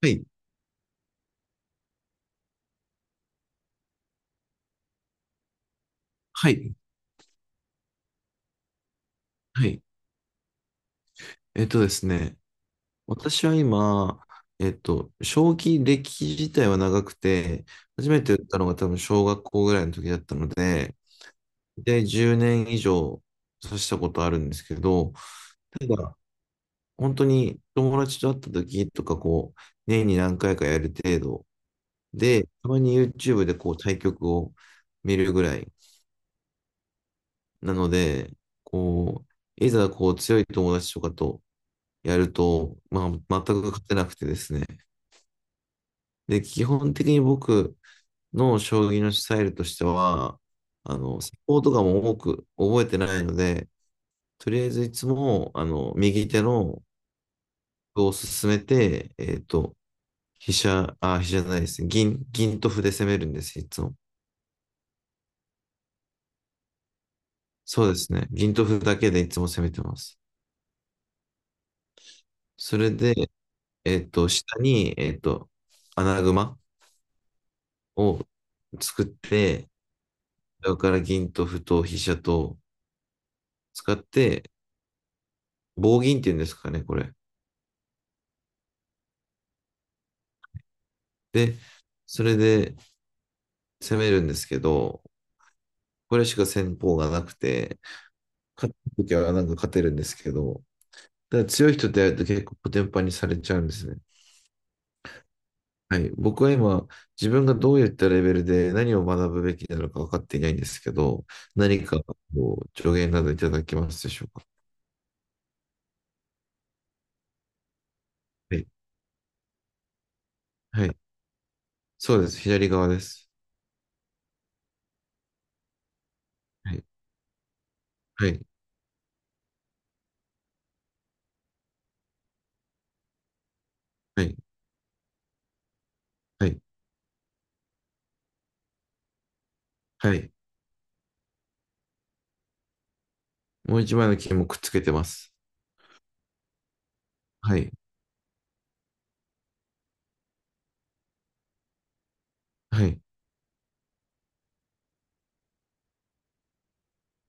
はい、はい、はい。えっとですね、私は今、将棋歴自体は長くて、初めて打ったのが多分小学校ぐらいの時だったので、で、10年以上指したことあるんですけど、ただ、本当に友達と会った時とか、年に何回かやる程度で、たまに YouTube で対局を見るぐらいなので、いざ強い友達とかとやると、まあ、全く勝てなくてですね。で、基本的に僕の将棋のスタイルとしては、サポートがも多く覚えてないので、とりあえずいつも、右手の歩を進めて、飛車、あ、飛車じゃないですね。銀と歩で攻めるんです、いつも。そうですね。銀と歩だけでいつも攻めてます。それで、下に、穴熊を作って、それから銀と歩と飛車と使って、棒銀っていうんですかね、これ。で、それで攻めるんですけど、これしか戦法がなくて、勝った時はなんか勝てるんですけど、だから強い人とやると結構コテンパンにされちゃうんですね。はい。僕は今、自分がどういったレベルで何を学ぶべきなのか分かっていないんですけど、何か助言などいただけますでしょうか？はい。はい。そうです。左側です。はい。はい。はい。はい。はい。もう一枚の金もくっつけてます。はい。はい。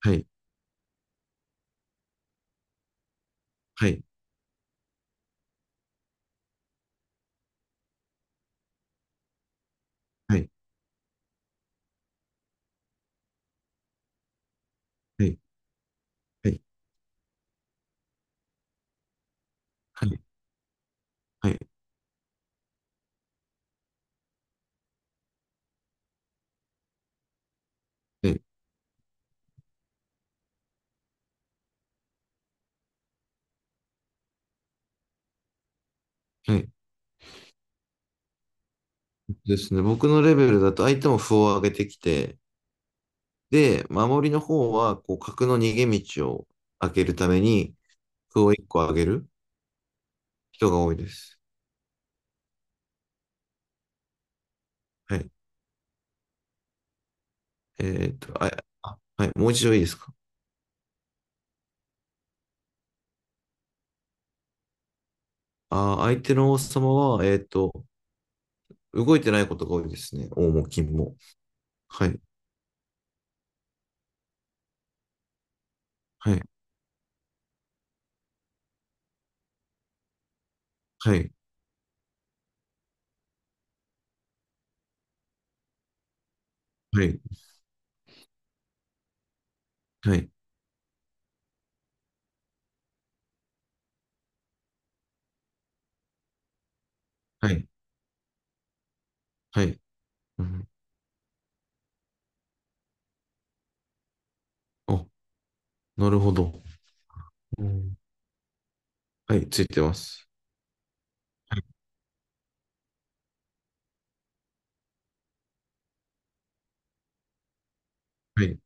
はい、はい、はい、はい、はい、はい、はい、はい、はいですね。僕のレベルだと相手も歩を上げてきて、で、守りの方は、角の逃げ道を開けるために、歩を1個上げる人が多いです。はい。えあ、あはい、もう一度いいですか？あー、相手の王様は、動いてないことが多いですね。王も金も。はい、はい、はい、はい、はい、はい、はい。うん、お、なるほど。うん、はい、ついてます。はい、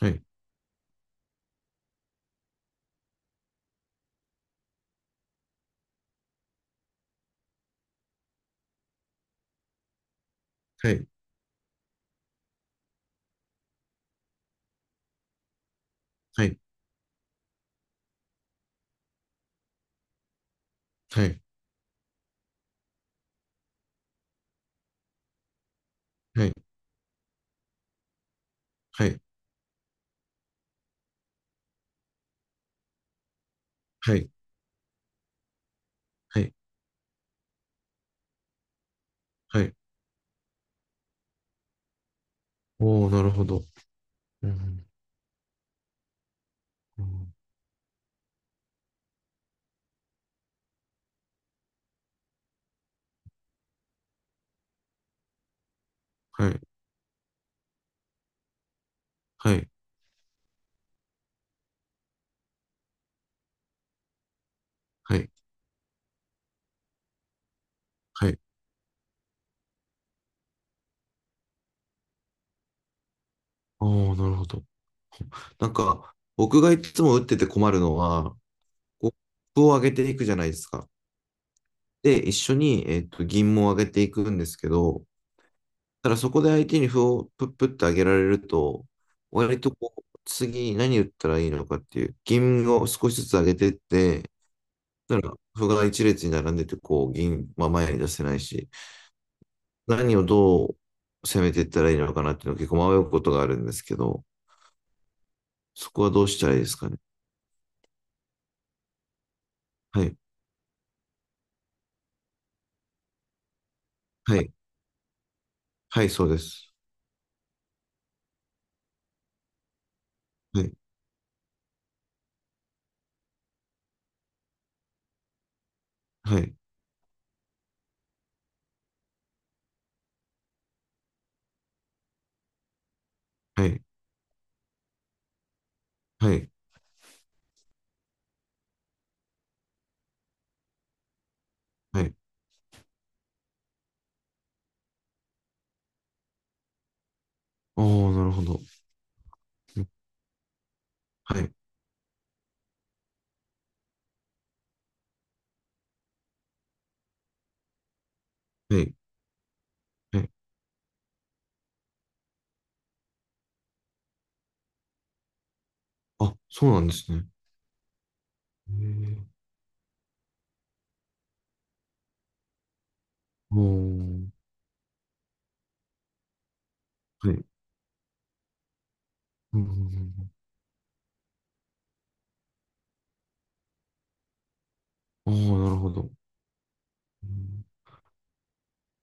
はい、はい、はい、はい、はい、はい、はい、はい、はい。おー、なるほど。うん、うん、はい、はい、はい、はい。おー、なるほど。なんか、僕がいつも打ってて困るのは、コップを上げていくじゃないですか。で、一緒に、銀も上げていくんですけど、ただそこで相手に歩をプップって上げられると、割と次何打ったらいいのかっていう、銀を少しずつ上げてって、だから、歩が一列に並んでて、銀、まあ、前に出せないし、何をどう攻めていったらいいのかなっていうのは結構迷うことがあるんですけど、そこはどうしたらいいですかね？はい、はい、はい、そうです。はい、はい、はい、はい、はい。おー、なるほど。はい、はい、はい。あ、そうなんですね。へーおー、はい。うんうんうんうんおー、なるほど。うん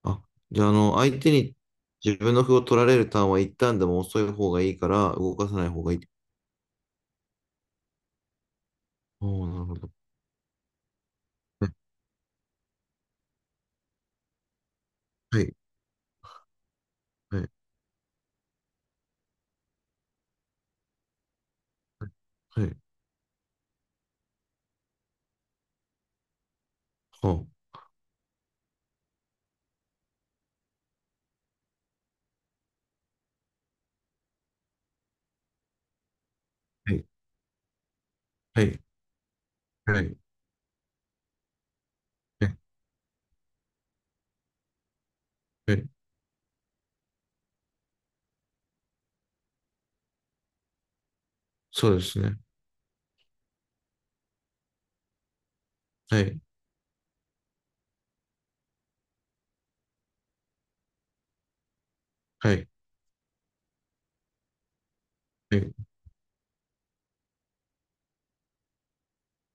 あ、じゃあ、相手に自分の歩を取られるターンは一旦でも遅い方がいいから、動かさない方がいい。おお、なるほど。はい、はい、はい、はい。ははい、はい、はい、はい、はい、そうですね。はい、はい、はい、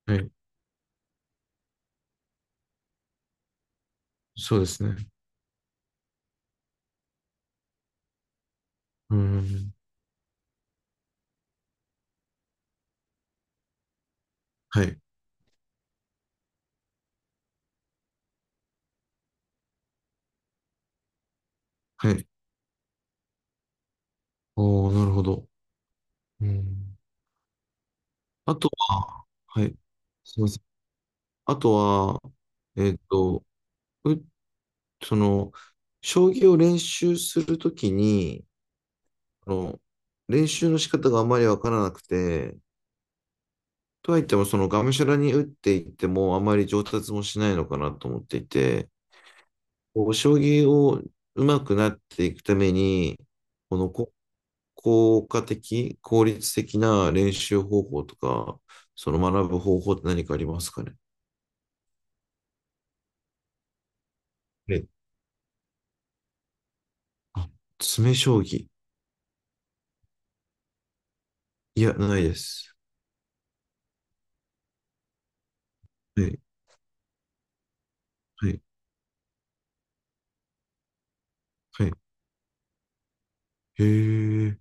はい。そうですね。うん。はい、はい。おお、なるほど。うん。あとは、はい。すみません。あとは、えっと、う、その、将棋を練習するときに、あの、練習の仕方があまりわからなくて、とはいっても、そのがむしゃらに打っていっても、あまり上達もしないのかなと思っていて、将棋を上手くなっていくために、このこ効果的、効率的な練習方法とか、その学ぶ方法って何かありますかねえ、あ、詰将棋。いや、ないです。はい、はい、はい。へえ。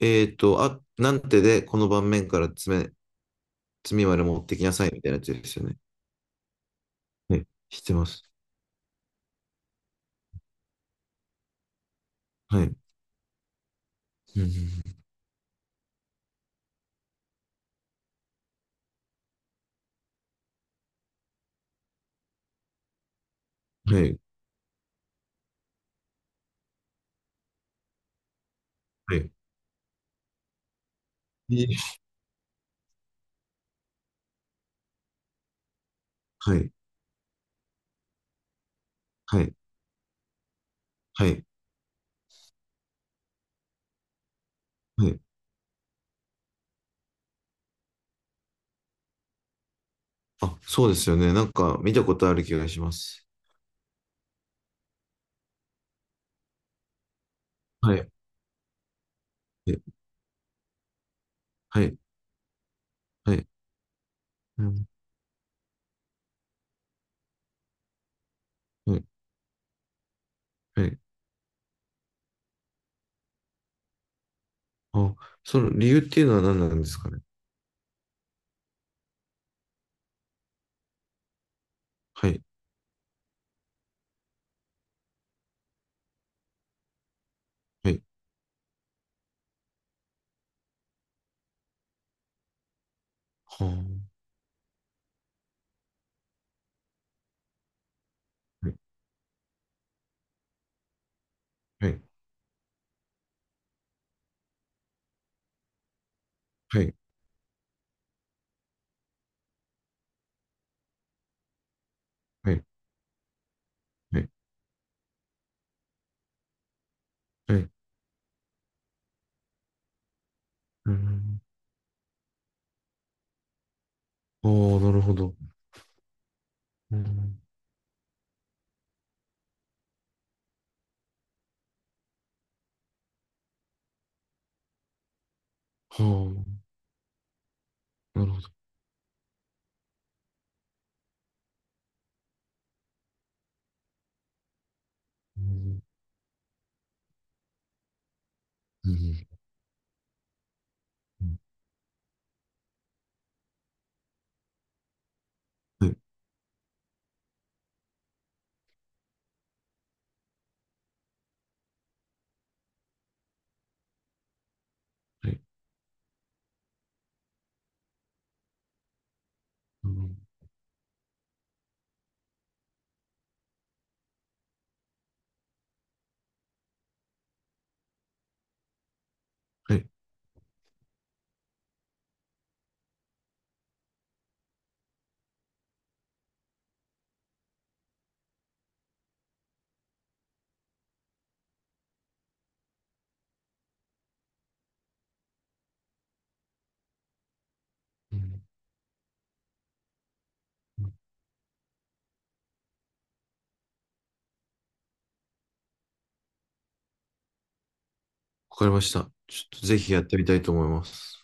あ、なんてで、この盤面から詰みまで持ってきなさいみたいなやつですよね？はい、知ってます。はい。うんうんはい、はい、ーはい、はい、はい、はい。あ、そうですよね。なんか見たことある気がします。はい、えはい、はい、うん、はい、はい。あ、その理由っていうのは何なんですかね？はい、はい、はあ、はい、はい、はい、はい、はい、はいうん。ああ、なるほど。うん、はあ、なるほど。うん、うん、うんはい、はい、うんはいうんわかりました。ちょっとぜひやってみたいと思います。